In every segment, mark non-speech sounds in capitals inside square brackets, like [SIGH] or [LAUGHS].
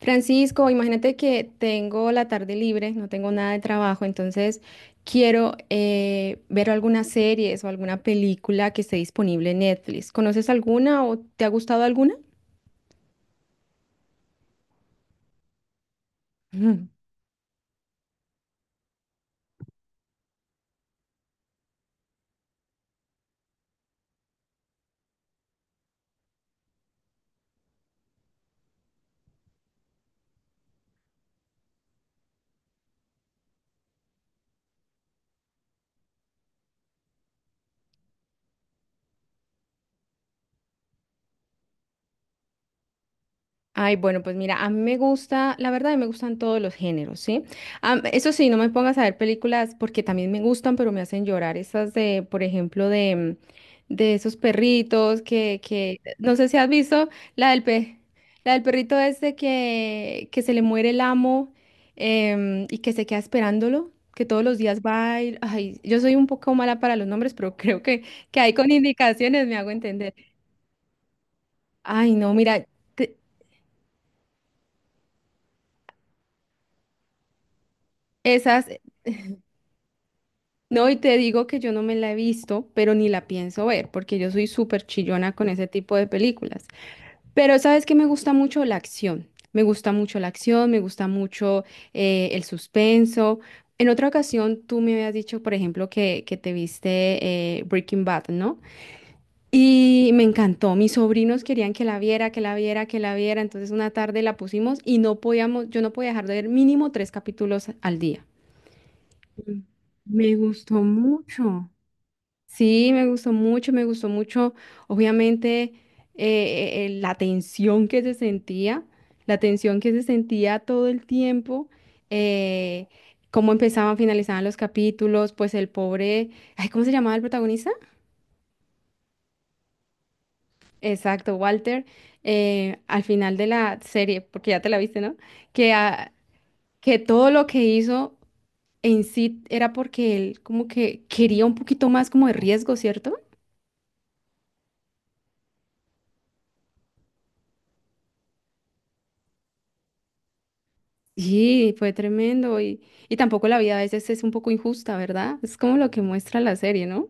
Francisco, imagínate que tengo la tarde libre, no tengo nada de trabajo, entonces quiero ver algunas series o alguna película que esté disponible en Netflix. ¿Conoces alguna o te ha gustado alguna? [LAUGHS] Ay, bueno, pues mira, a mí me gusta, la verdad, a mí me gustan todos los géneros, ¿sí? Eso sí, no me pongas a ver películas porque también me gustan, pero me hacen llorar. Esas de, por ejemplo, de, de esos perritos que no sé si has visto la del pe, la del perrito este que se le muere el amo, y que se queda esperándolo, que todos los días va y, ay, yo soy un poco mala para los nombres, pero [LAUGHS] que ahí con indicaciones me hago entender. Ay, no, mira. te- Esas. No, y te digo que yo no me la he visto, pero ni la pienso ver, porque yo soy súper chillona con ese tipo de películas. Pero sabes que me gusta mucho la acción, me gusta mucho el suspenso. En otra ocasión tú me habías dicho, por ejemplo, que te viste Breaking Bad, ¿no? Y me encantó, mis sobrinos querían que la viera, entonces una tarde la pusimos y no podíamos, yo no podía dejar de ver mínimo tres capítulos al día. Mm. Me gustó mucho. Sí, me gustó mucho, obviamente, la tensión que se sentía, todo el tiempo, eh, cómo empezaban, finalizaban los capítulos, pues el pobre, ay, ¿cómo se llamaba el protagonista? Exacto, Walter, al final de la serie, porque ya te la viste, ¿no? Que, ah, que todo lo que hizo en sí era porque él como que quería un poquito más como de riesgo, ¿cierto? Sí, fue tremendo y tampoco la vida a veces es un poco injusta, ¿verdad? Es como lo que muestra la serie, ¿no?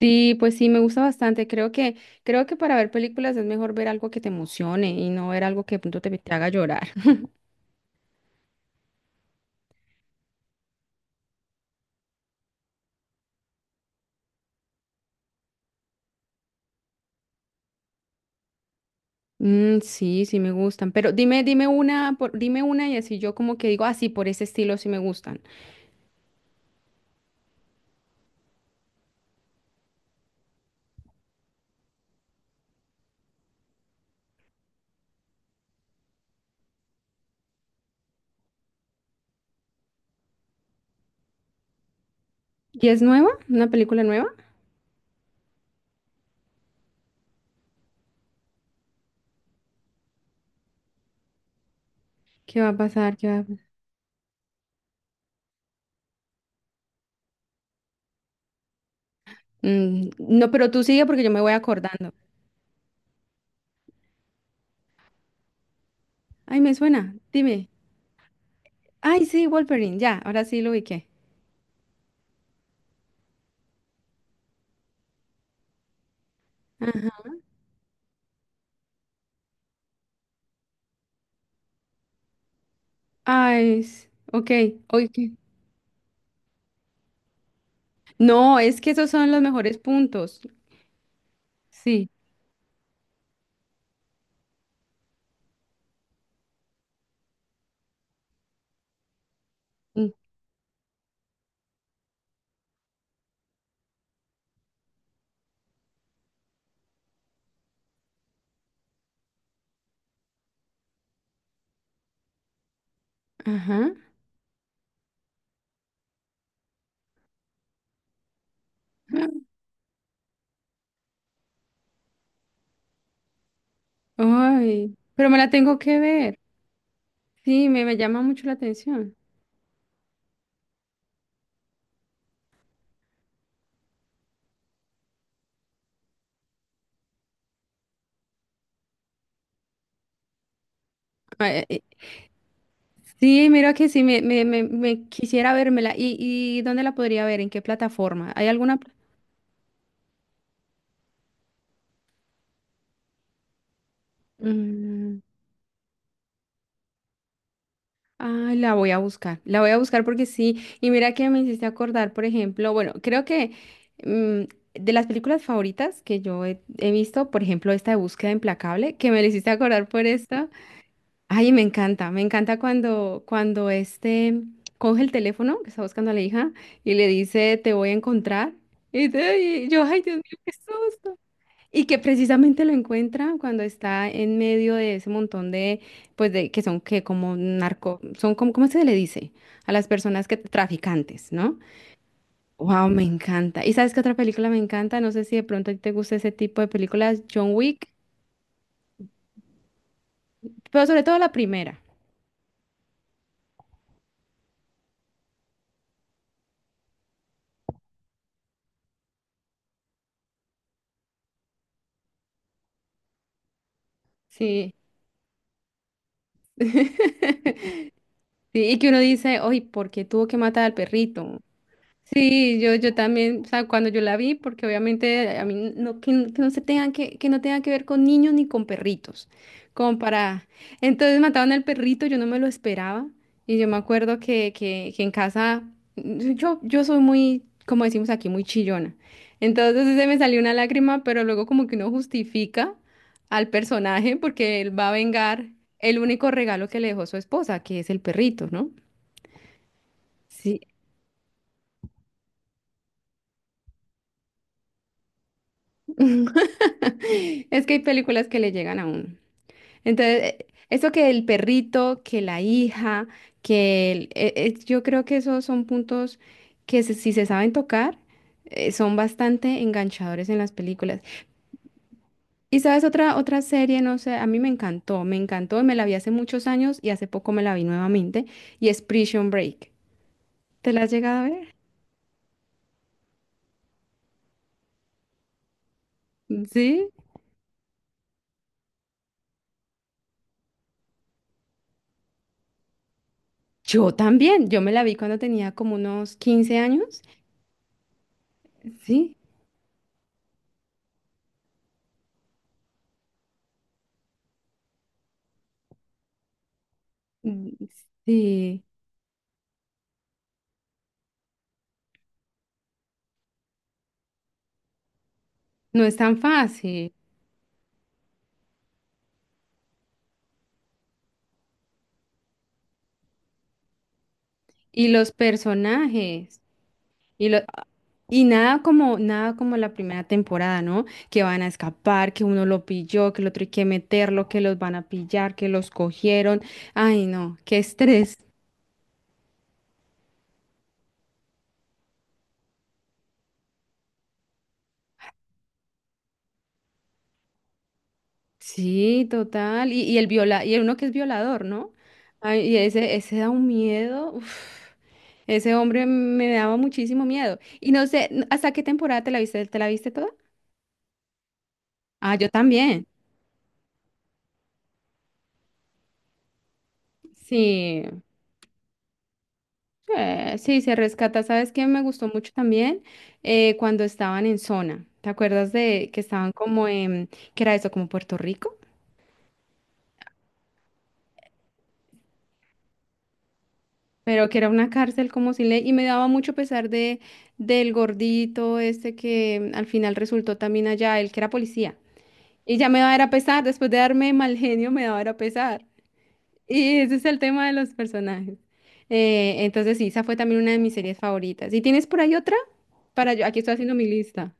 Sí, pues sí, me gusta bastante. Creo que para ver películas es mejor ver algo que te emocione y no ver algo que de pronto te haga llorar. [LAUGHS] Mm, sí, sí me gustan. Pero dime, dime una y así yo como que digo, ah, sí, por ese estilo sí me gustan. ¿Y es nueva? ¿Una película nueva? ¿Qué va a pasar? ¿Qué va a pasar? Mm, no, pero tú sigue porque yo me voy acordando. Ay, me suena. Dime. Ay, sí, Wolverine. Ya, ahora sí lo ubiqué. Ah, es. Ok, ok. No, es que esos son los mejores puntos. Sí. Mm. Ajá. Ay, pero me la tengo que ver. Sí, me llama mucho la atención. Ah, eh, eh, Sí, mira que sí, me quisiera vérmela. Y dónde la podría ver? ¿En qué plataforma? ¿Hay alguna? Mm. Ah, la voy a buscar, porque sí, y mira que me hiciste acordar, por ejemplo, bueno, creo que mm, de las películas favoritas que yo he visto, por ejemplo, esta de Búsqueda Implacable, que me la hiciste acordar por esta, ay, me encanta cuando este coge el teléfono que está buscando a la hija y le dice, te voy a encontrar, y, te- y yo, ay, Dios mío, qué susto. Y que precisamente lo encuentra cuando está en medio de ese montón de, pues de que son que como narco, son como, ¿cómo se le dice? A las personas que traficantes, ¿no? Wow, me encanta. ¿Y sabes qué otra película me encanta? No sé si de pronto a ti te gusta ese tipo de películas, John Wick, pero sobre todo la primera. Sí. [LAUGHS] Sí, y que uno dice, oye, ¿por qué tuvo que matar al perrito? Sí, yo también, o sea, cuando yo la vi, porque obviamente a mí no, que no se tengan que no tenga que ver con niños ni con perritos, como para... Entonces mataron al perrito, yo no me lo esperaba, y yo me acuerdo que en casa, yo, yo soy muy, como decimos aquí, muy chillona, entonces se me salió una lágrima, pero luego como que uno justifica al personaje porque él va a vengar el único regalo que le dejó su esposa, que es el perrito, ¿no? Sí, [LAUGHS] es que hay películas que le llegan a uno. Entonces, eso que el perrito, que la hija, yo creo que esos son puntos si se saben tocar, son bastante enganchadores en las películas. Y sabes, otra serie, no sé, a mí me encantó, me la vi hace muchos años y hace poco me la vi nuevamente, y es Prison Break. ¿Te la has llegado a ver? Mm. Sí. Yo también, yo me la vi cuando tenía como unos 15 años. Sí. Mm, sí, no es tan fácil. Y los personajes. Y, lo, y nada como, nada como la primera temporada, ¿no? Que van a escapar, que uno lo pilló, que el otro hay que meterlo, que los van a pillar, que los cogieron. Ay, no, qué estrés. Sí, total. Y el uno que es violador, ¿no? Ay, y ese da un miedo. Uf. Ese hombre me daba muchísimo miedo. Y no sé, ¿hasta qué temporada te la viste? ¿Te la viste toda? Ah, yo también. Sí. Sí, se rescata. ¿Sabes qué me gustó mucho también? Cuando estaban en zona. ¿Te acuerdas de que estaban como en, que era eso, como Puerto Rico? Pero que era una cárcel como sin ley. Y me daba mucho pesar de, del gordito este que al final resultó también allá, el que era policía. Y ya me daba era pesar, después de darme mal genio, me daba era pesar. Y ese es el tema de los personajes. Entonces sí, esa fue también una de mis series favoritas. ¿Y tienes por ahí otra? Para yo, aquí estoy haciendo mi lista.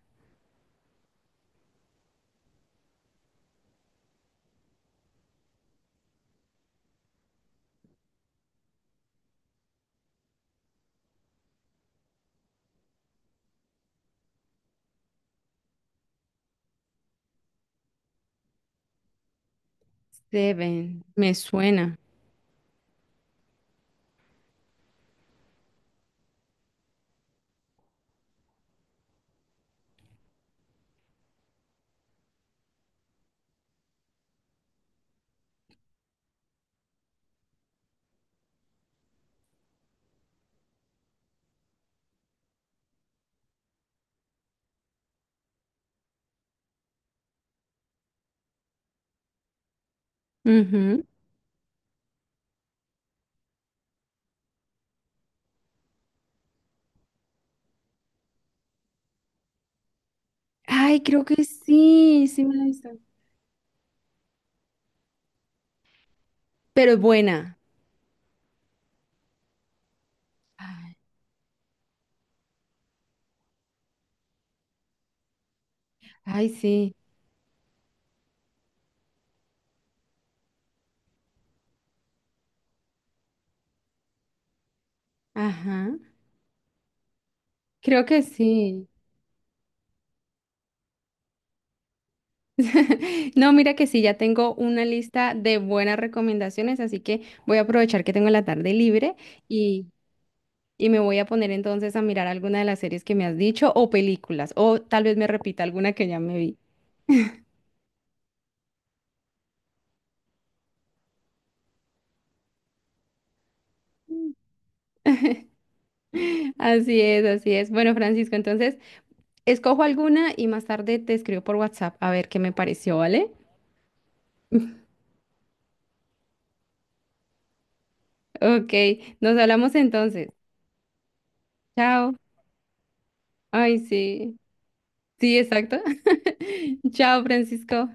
Seven, me suena. Ujú. Ay, creo que sí, sí me la he visto. Pero es buena. Ay, ay, sí. Ajá. Creo que sí. [LAUGHS] No, mira que sí, ya tengo una lista de buenas recomendaciones, así que voy a aprovechar que tengo la tarde libre y, y me voy a poner entonces a mirar alguna de las series que me has dicho o películas, o tal vez me repita alguna que ya me vi. [LAUGHS] Así es, así es. Bueno, Francisco, entonces escojo alguna y más tarde te escribo por WhatsApp a ver qué me pareció, ¿vale? Ok, nos hablamos entonces. Chao. Ay, sí. Sí, exacto. [LAUGHS] Chao, Francisco.